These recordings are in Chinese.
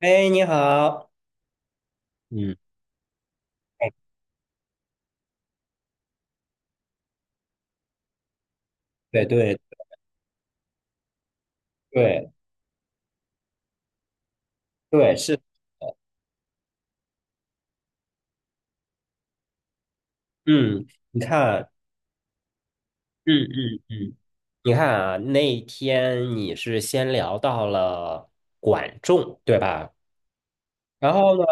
哎，你好。嗯，哎，对对对对，是，嗯，你看，嗯嗯嗯，你看啊，那天你是先聊到了管仲，对吧？然后呢，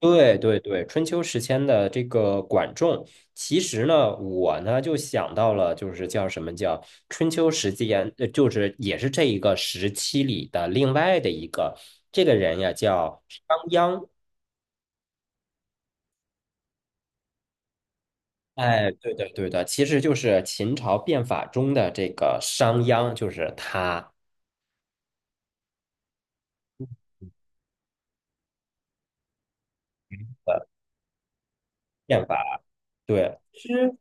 对对对，春秋时期的这个管仲，其实呢，我呢就想到了，就是叫什么叫春秋时间，就是也是这一个时期里的另外的一个这个人呀，叫商鞅。哎，对的，对的，其实就是秦朝变法中的这个商鞅，就是他的变法。对，是，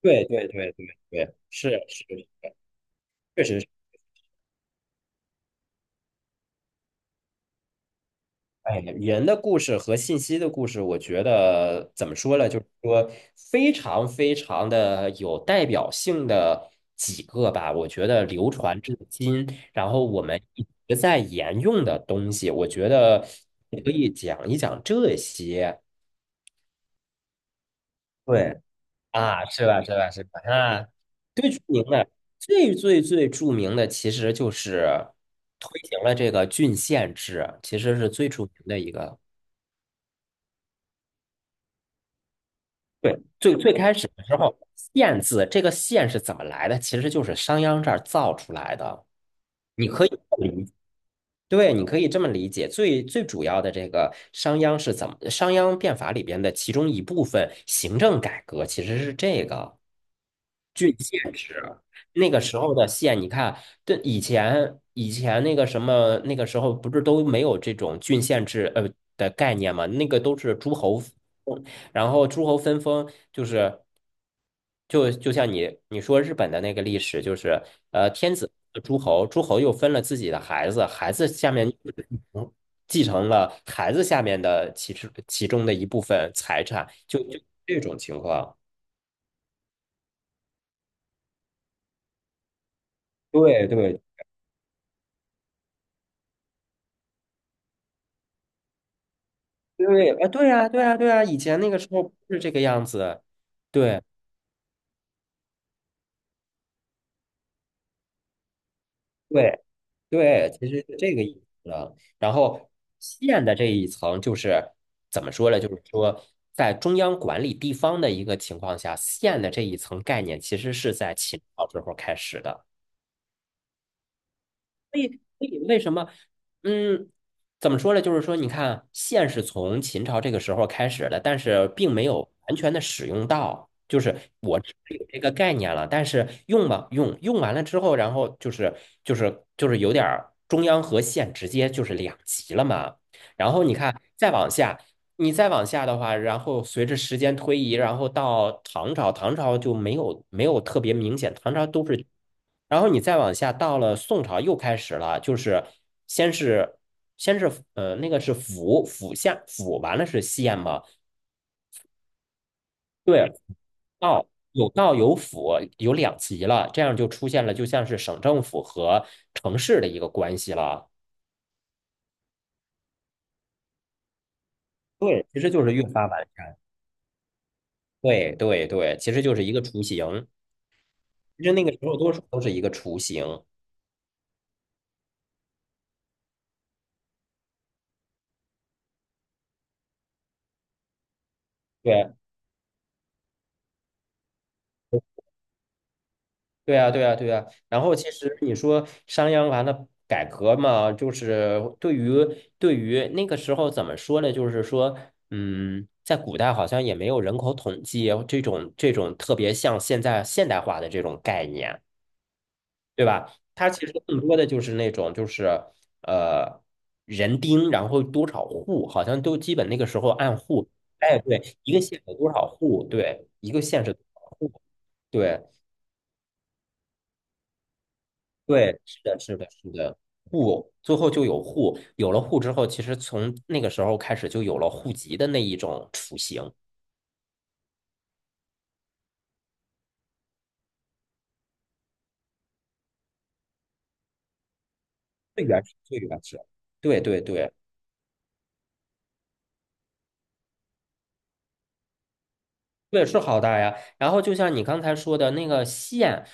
对，对，对，对，对，是，是，确实是。哎，人的故事和信息的故事，我觉得怎么说呢？就是说非常非常的有代表性的几个吧，我觉得流传至今，然后我们一直在沿用的东西，我觉得可以讲一讲这些。对。啊，是吧？是吧？是吧？啊，最著名的、最最最著名的，其实就是推行了这个郡县制，其实是最著名的一个。对，最最开始的时候，县字这个县是怎么来的？其实就是商鞅这儿造出来的。你可以这么理解，对，你可以这么理解。最最主要的这个商鞅是怎么？商鞅变法里边的其中一部分行政改革，其实是这个。那个时候的县，你看，对以前那个什么，那个时候不是都没有这种郡县制的概念嘛？那个都是诸侯，然后诸侯分封，就是就像你说日本的那个历史，就是天子诸侯，诸侯又分了自己的孩子，孩子下面嗯继承了孩子下面的其实其中的一部分财产，就这种情况。对对对，啊，对呀，对呀，对呀，以前那个时候不是这个样子，对，对，对，其实是这个意思的。然后县的这一层就是怎么说呢？就是说，在中央管理地方的一个情况下，县的这一层概念其实是在秦朝时候开始的。所以，为什么，嗯，怎么说呢？就是说，你看，线是从秦朝这个时候开始的，但是并没有完全的使用到。就是我知道有这个概念了，但是用吧，用完了之后，然后就是有点儿中央和县直接就是两级了嘛。然后你看，再往下。你再往下的话，然后随着时间推移，然后到唐朝，唐朝就没有特别明显，唐朝都是，然后你再往下到了宋朝又开始了，就是先是先是那个是府府下完了是县嘛，对，道有道有府有两级了，这样就出现了就像是省政府和城市的一个关系了，对，其实就是越发完善，对对对，其实就是一个雏形。其实那个时候多数都是一个雏形，对，对啊，对啊，对啊。然后其实你说商鞅完了改革嘛，就是对于那个时候怎么说呢？就是说，嗯，在古代好像也没有人口统计这种特别像现在现代化的这种概念。对吧？它其实更多的就是那种呃人丁，然后多少户，好像都基本那个时候按户，哎，对，一个县有多少户，对，一个县是多少户，对对，是的，是的，是的，户最后就有户，有了户之后，其实从那个时候开始就有了户籍的那一种雏形，最原始，最原始，对对对。对，是好大呀。然后就像你刚才说的那个线，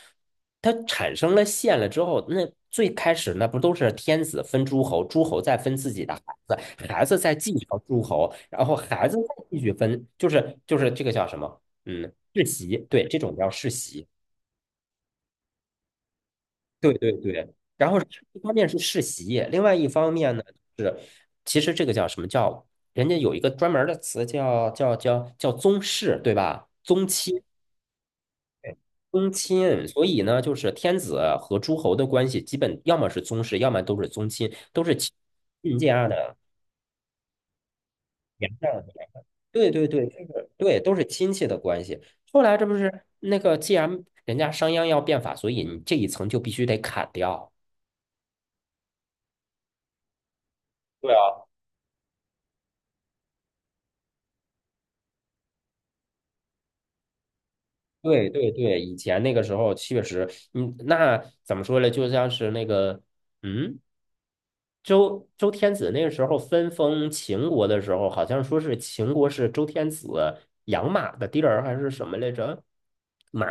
它产生了线了之后，那最开始那不都是天子分诸侯，诸侯再分自己的孩子，孩子再继承诸侯，然后孩子再继续分，就是这个叫什么？嗯，世袭，对，这种叫世袭。对对对。然后一方面是世袭，另外一方面呢是，其实这个叫什么叫？人家有一个专门儿的词叫宗室，对吧？宗亲。宗亲，所以呢，就是天子和诸侯的关系，基本要么是宗室，要么都是宗亲，都是亲亲家的娘家的对对对，就是对，都是亲戚的关系。后来这不是那个，既然人家商鞅要变法，所以你这一层就必须得砍掉。对啊，对对对，以前那个时候确实，嗯，那怎么说呢？就像是那个，嗯，周天子那个时候分封秦国的时候，好像说是秦国是周天子养马的地儿，还是什么来着？马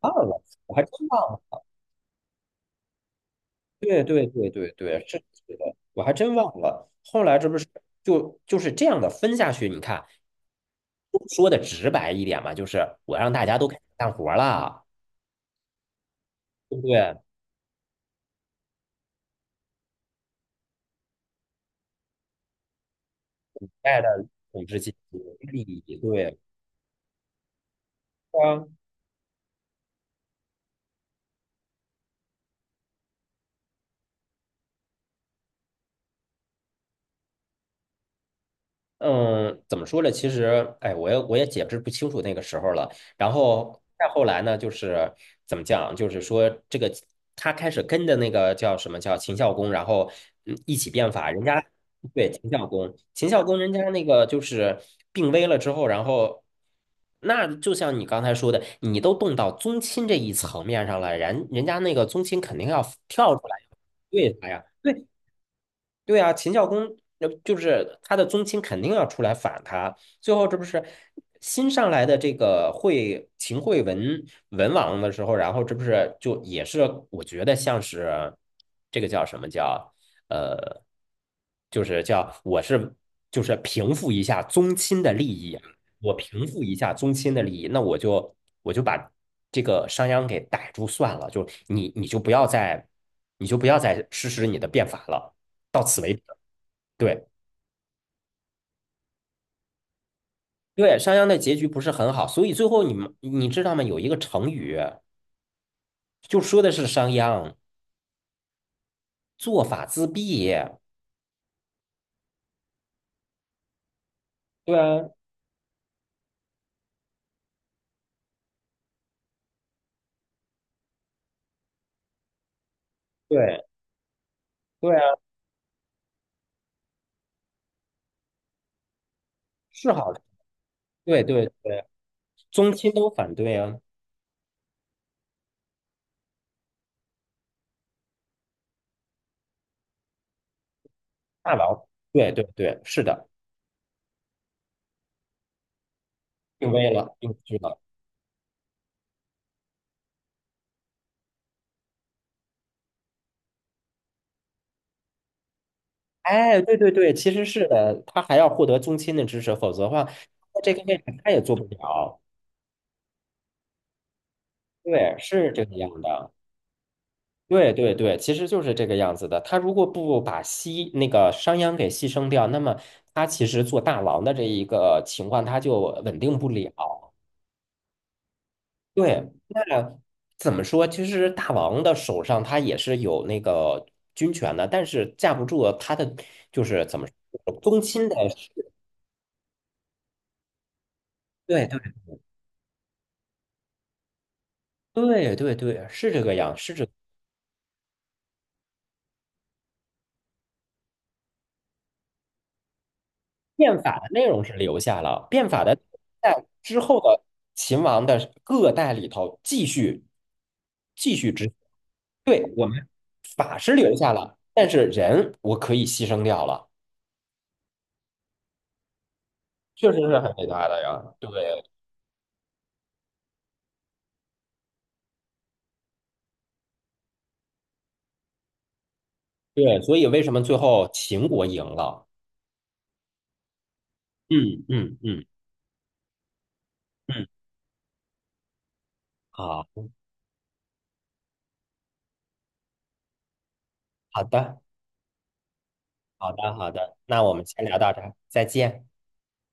忘了，我还真忘了。对对对对对，是是的，我还真忘了。后来这不是就是这样的分下去？你看，说的直白一点嘛，就是我让大家都开始干活了，对不对？带着统治阶级利益，对啊，嗯，怎么说呢？其实，哎，我也解释不清楚那个时候了。然后再后来呢，就是怎么讲，就是说这个他开始跟着那个叫什么叫秦孝公，然后一起变法。人家对秦孝公，秦孝公人家那个就是病危了之后，然后那就像你刚才说的，你都动到宗亲这一层面上了，人家那个宗亲肯定要跳出来对他呀。对啊，秦孝公那就是他的宗亲肯定要出来反他，最后这不是新上来的这个惠秦惠文王的时候，然后这不是就也是我觉得像是这个叫什么叫呃，就是叫我是就是平复一下宗亲的利益啊，我平复一下宗亲的利益，那我就把这个商鞅给逮住算了，就你就不要再实施你的变法了。到此为止。对对，商鞅的结局不是很好，所以最后你们你知道吗？有一个成语就说的是商鞅做法自毙。对啊，对对啊，是好的，对对对，宗亲都反对啊，大佬，对对对，是的，定位了，定居了。哎，对对对，其实是的，他还要获得宗亲的支持，否则的话，在这个位置他也做不了。对，是这个样的。对对对，其实就是这个样子的。他如果不把西那个商鞅给牺牲掉，那么他其实做大王的这一个情况他就稳定不了。对，那怎么说？其实大王的手上他也是有那个军权的，但是架不住他的就是怎么说宗亲的。对对对对对，是这个样，是这。变法的内容是留下了，变法的在之后的秦王的各代里头继续执法是留下了，但是人我可以牺牲掉了，确实是很伟大的呀。对对，所以为什么最后秦国赢了？嗯嗯嗯嗯，好好的好的好的，那我们先聊到这儿，再见。